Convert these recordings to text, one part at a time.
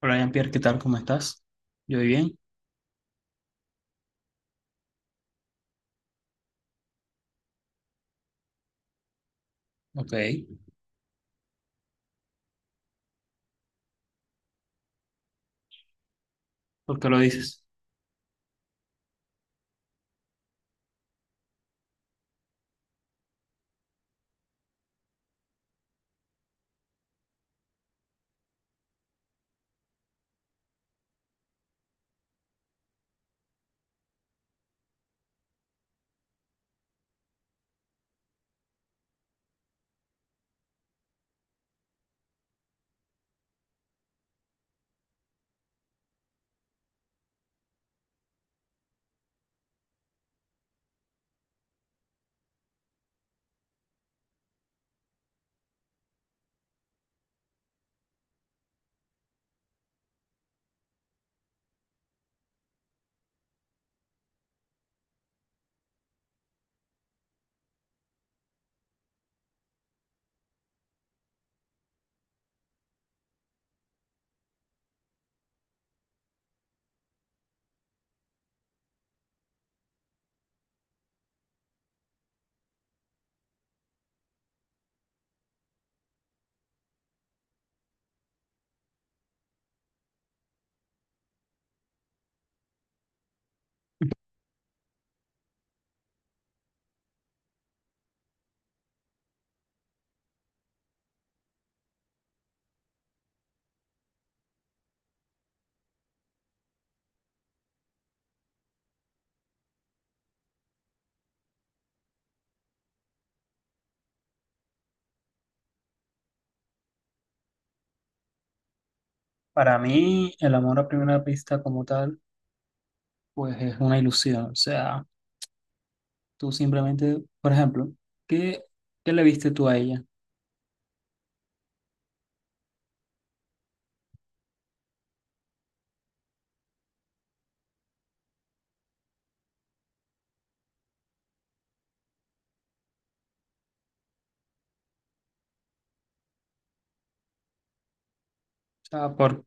Hola, Jean-Pierre, ¿qué tal? ¿Cómo estás? Yo bien. Ok. ¿Por qué lo dices? Para mí, el amor a primera vista como tal, pues es una ilusión. O sea, tú simplemente, por ejemplo, ¿qué, ¿qué le viste tú a ella? O sea,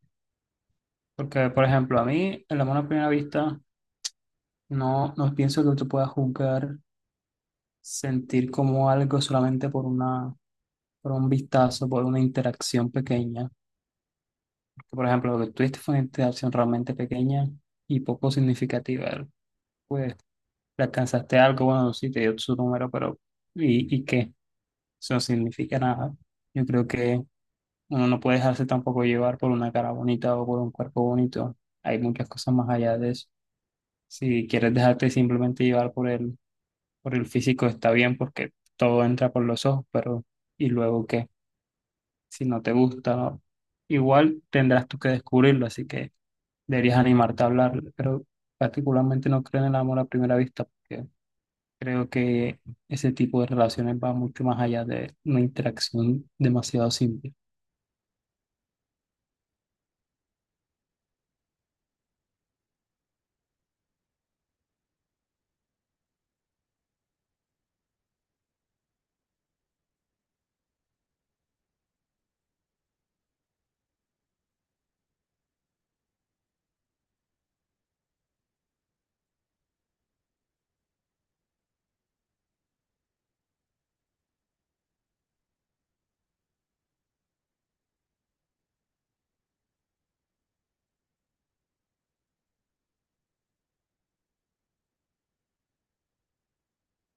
porque, por ejemplo, a mí, el amor a primera vista, no pienso que tú puedas juzgar, sentir como algo solamente por por un vistazo, por una interacción pequeña. Porque, por ejemplo, lo que tuviste fue una interacción realmente pequeña y poco significativa. Pues le alcanzaste algo, bueno, sí, te dio su número, pero ¿y qué? Eso no significa nada. Yo creo que uno no puede dejarse tampoco llevar por una cara bonita o por un cuerpo bonito. Hay muchas cosas más allá de eso. Si quieres dejarte simplemente llevar por por el físico, está bien porque todo entra por los ojos, pero ¿y luego qué? Si no te gusta, ¿no? Igual tendrás tú que descubrirlo, así que deberías animarte a hablar, pero particularmente no creo en el amor a primera vista, porque creo que ese tipo de relaciones va mucho más allá de una interacción demasiado simple.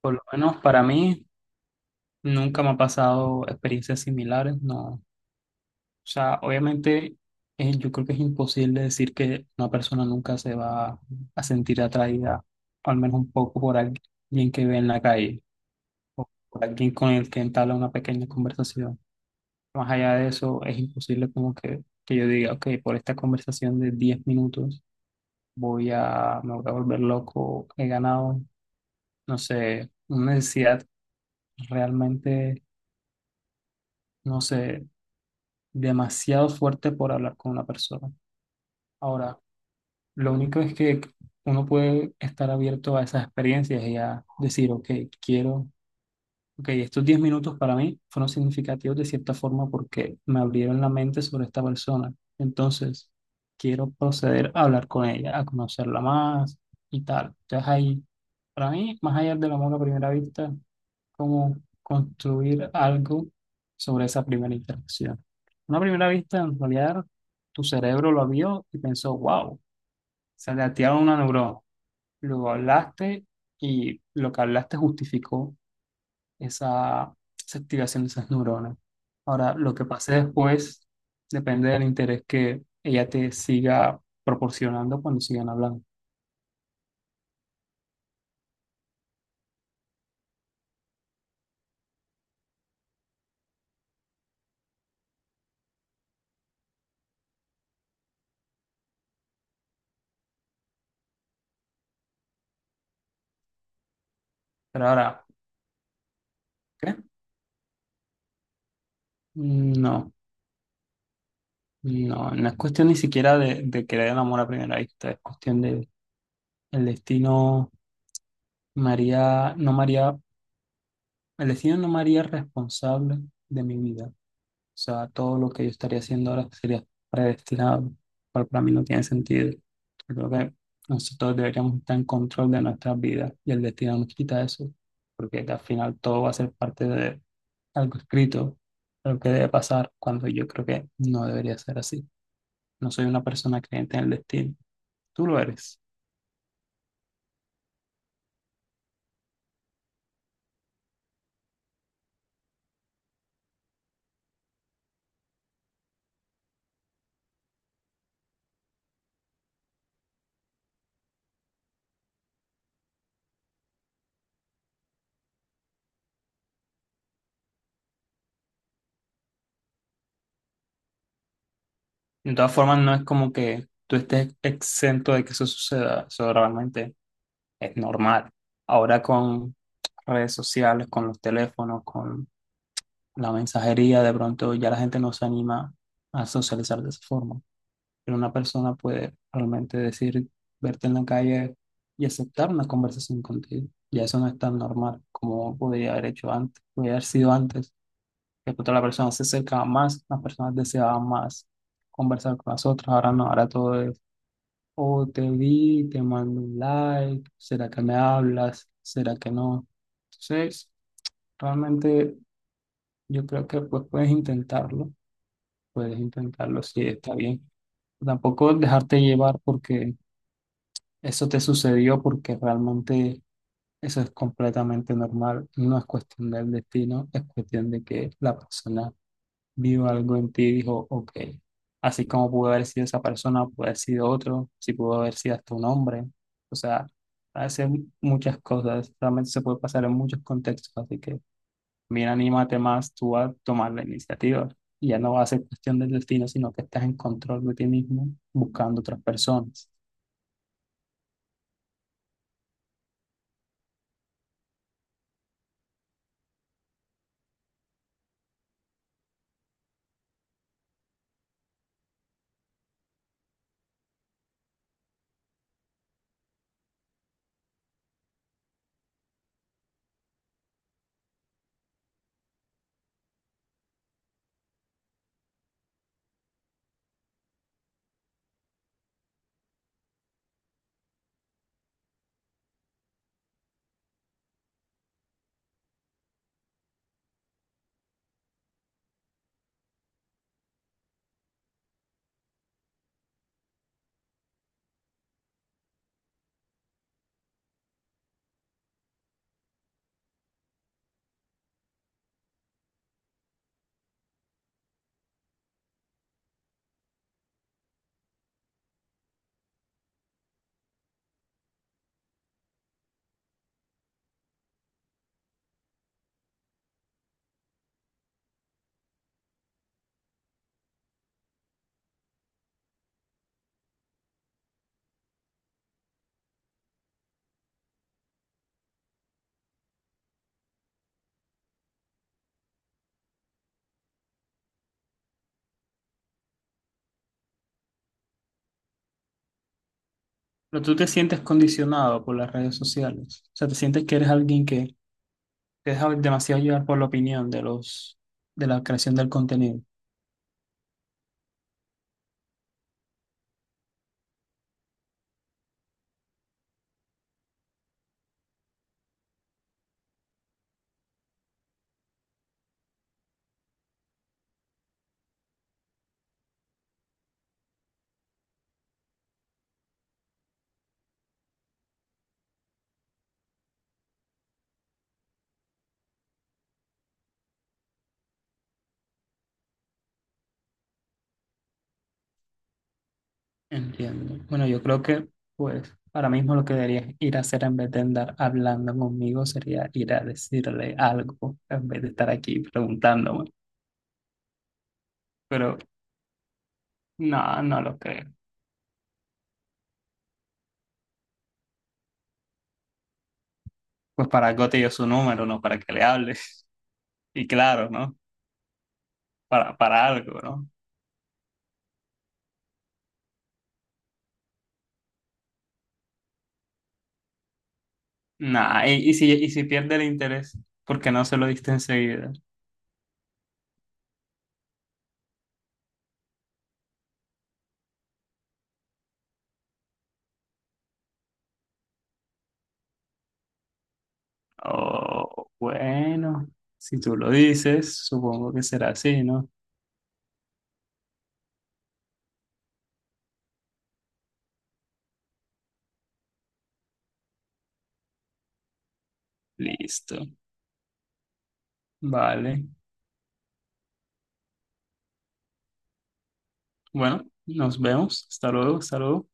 Por lo menos para mí, nunca me ha pasado experiencias similares, no. O sea, obviamente, yo creo que es imposible decir que una persona nunca se va a sentir atraída, al menos un poco, por alguien que ve en la calle o por alguien con el que entabla una pequeña conversación. Más allá de eso, es imposible como que yo diga, ok, por esta conversación de 10 minutos voy a, me voy a volver loco, he ganado, no sé, una necesidad realmente, no sé, demasiado fuerte por hablar con una persona. Ahora, lo único es que uno puede estar abierto a esas experiencias y a decir, ok, quiero ok, estos 10 minutos para mí fueron significativos de cierta forma porque me abrieron la mente sobre esta persona. Entonces, quiero proceder a hablar con ella, a conocerla más y tal. Entonces, ahí, para mí, más allá del amor a primera vista, como construir algo sobre esa primera interacción. Una primera vista, en realidad, tu cerebro lo vio y pensó, wow, se le activaron una neurona. Luego hablaste y lo que hablaste justificó esa, esa activación de esas neuronas. Ahora, lo que pase después depende del interés que ella te siga proporcionando cuando sigan hablando. Pero ahora, ¿qué? No, no, no es cuestión ni siquiera de querer el amor a primera vista, es cuestión de el destino María, no María, el destino no María responsable de mi vida. O sea, todo lo que yo estaría haciendo ahora sería predestinado, cual para mí no tiene sentido. Yo creo que nosotros deberíamos estar en control de nuestras vidas y el destino nos quita eso, porque al final todo va a ser parte de algo escrito, algo que debe pasar, cuando yo creo que no debería ser así. No soy una persona creyente en el destino, tú lo eres. De todas formas, no es como que tú estés exento de que eso suceda, eso realmente es normal. Ahora con redes sociales, con los teléfonos, con la mensajería, de pronto ya la gente no se anima a socializar de esa forma. Pero una persona puede realmente decir, verte en la calle y aceptar una conversación contigo. Ya eso no es tan normal como podría haber hecho antes, podría haber sido antes. Que pronto la persona se acercaba más, las personas deseaban más conversar con las otras. Ahora no, ahora todo es, oh, te vi, te mando un like, ¿será que me hablas? ¿Será que no? Entonces, realmente yo creo que pues puedes intentarlo. Puedes intentarlo si está bien. Tampoco dejarte llevar porque eso te sucedió, porque realmente eso es completamente normal. No es cuestión del destino, es cuestión de que la persona vio algo en ti y dijo, ok, así como pudo haber sido esa persona, pudo haber sido otro, si pudo haber sido hasta un hombre. O sea, hace muchas cosas, realmente se puede pasar en muchos contextos, así que mira, anímate más tú a tomar la iniciativa. Y ya no va a ser cuestión del destino, sino que estás en control de ti mismo buscando otras personas. Pero tú te sientes condicionado por las redes sociales. O sea, te sientes que eres alguien que te deja demasiado llevar por la opinión de de la creación del contenido. Entiendo. Bueno, yo creo que, pues, ahora mismo lo que deberías ir a hacer en vez de andar hablando conmigo sería ir a decirle algo en vez de estar aquí preguntándome. Pero no, no lo creo. Pues para algo te dio su número, ¿no? Para que le hables. Y claro, ¿no? Para algo, ¿no? Nah, y si pierde el interés, ¿por qué no se lo diste enseguida? Oh, bueno, si tú lo dices, supongo que será así, ¿no? Listo. Vale. Bueno, nos vemos. Hasta luego, hasta luego.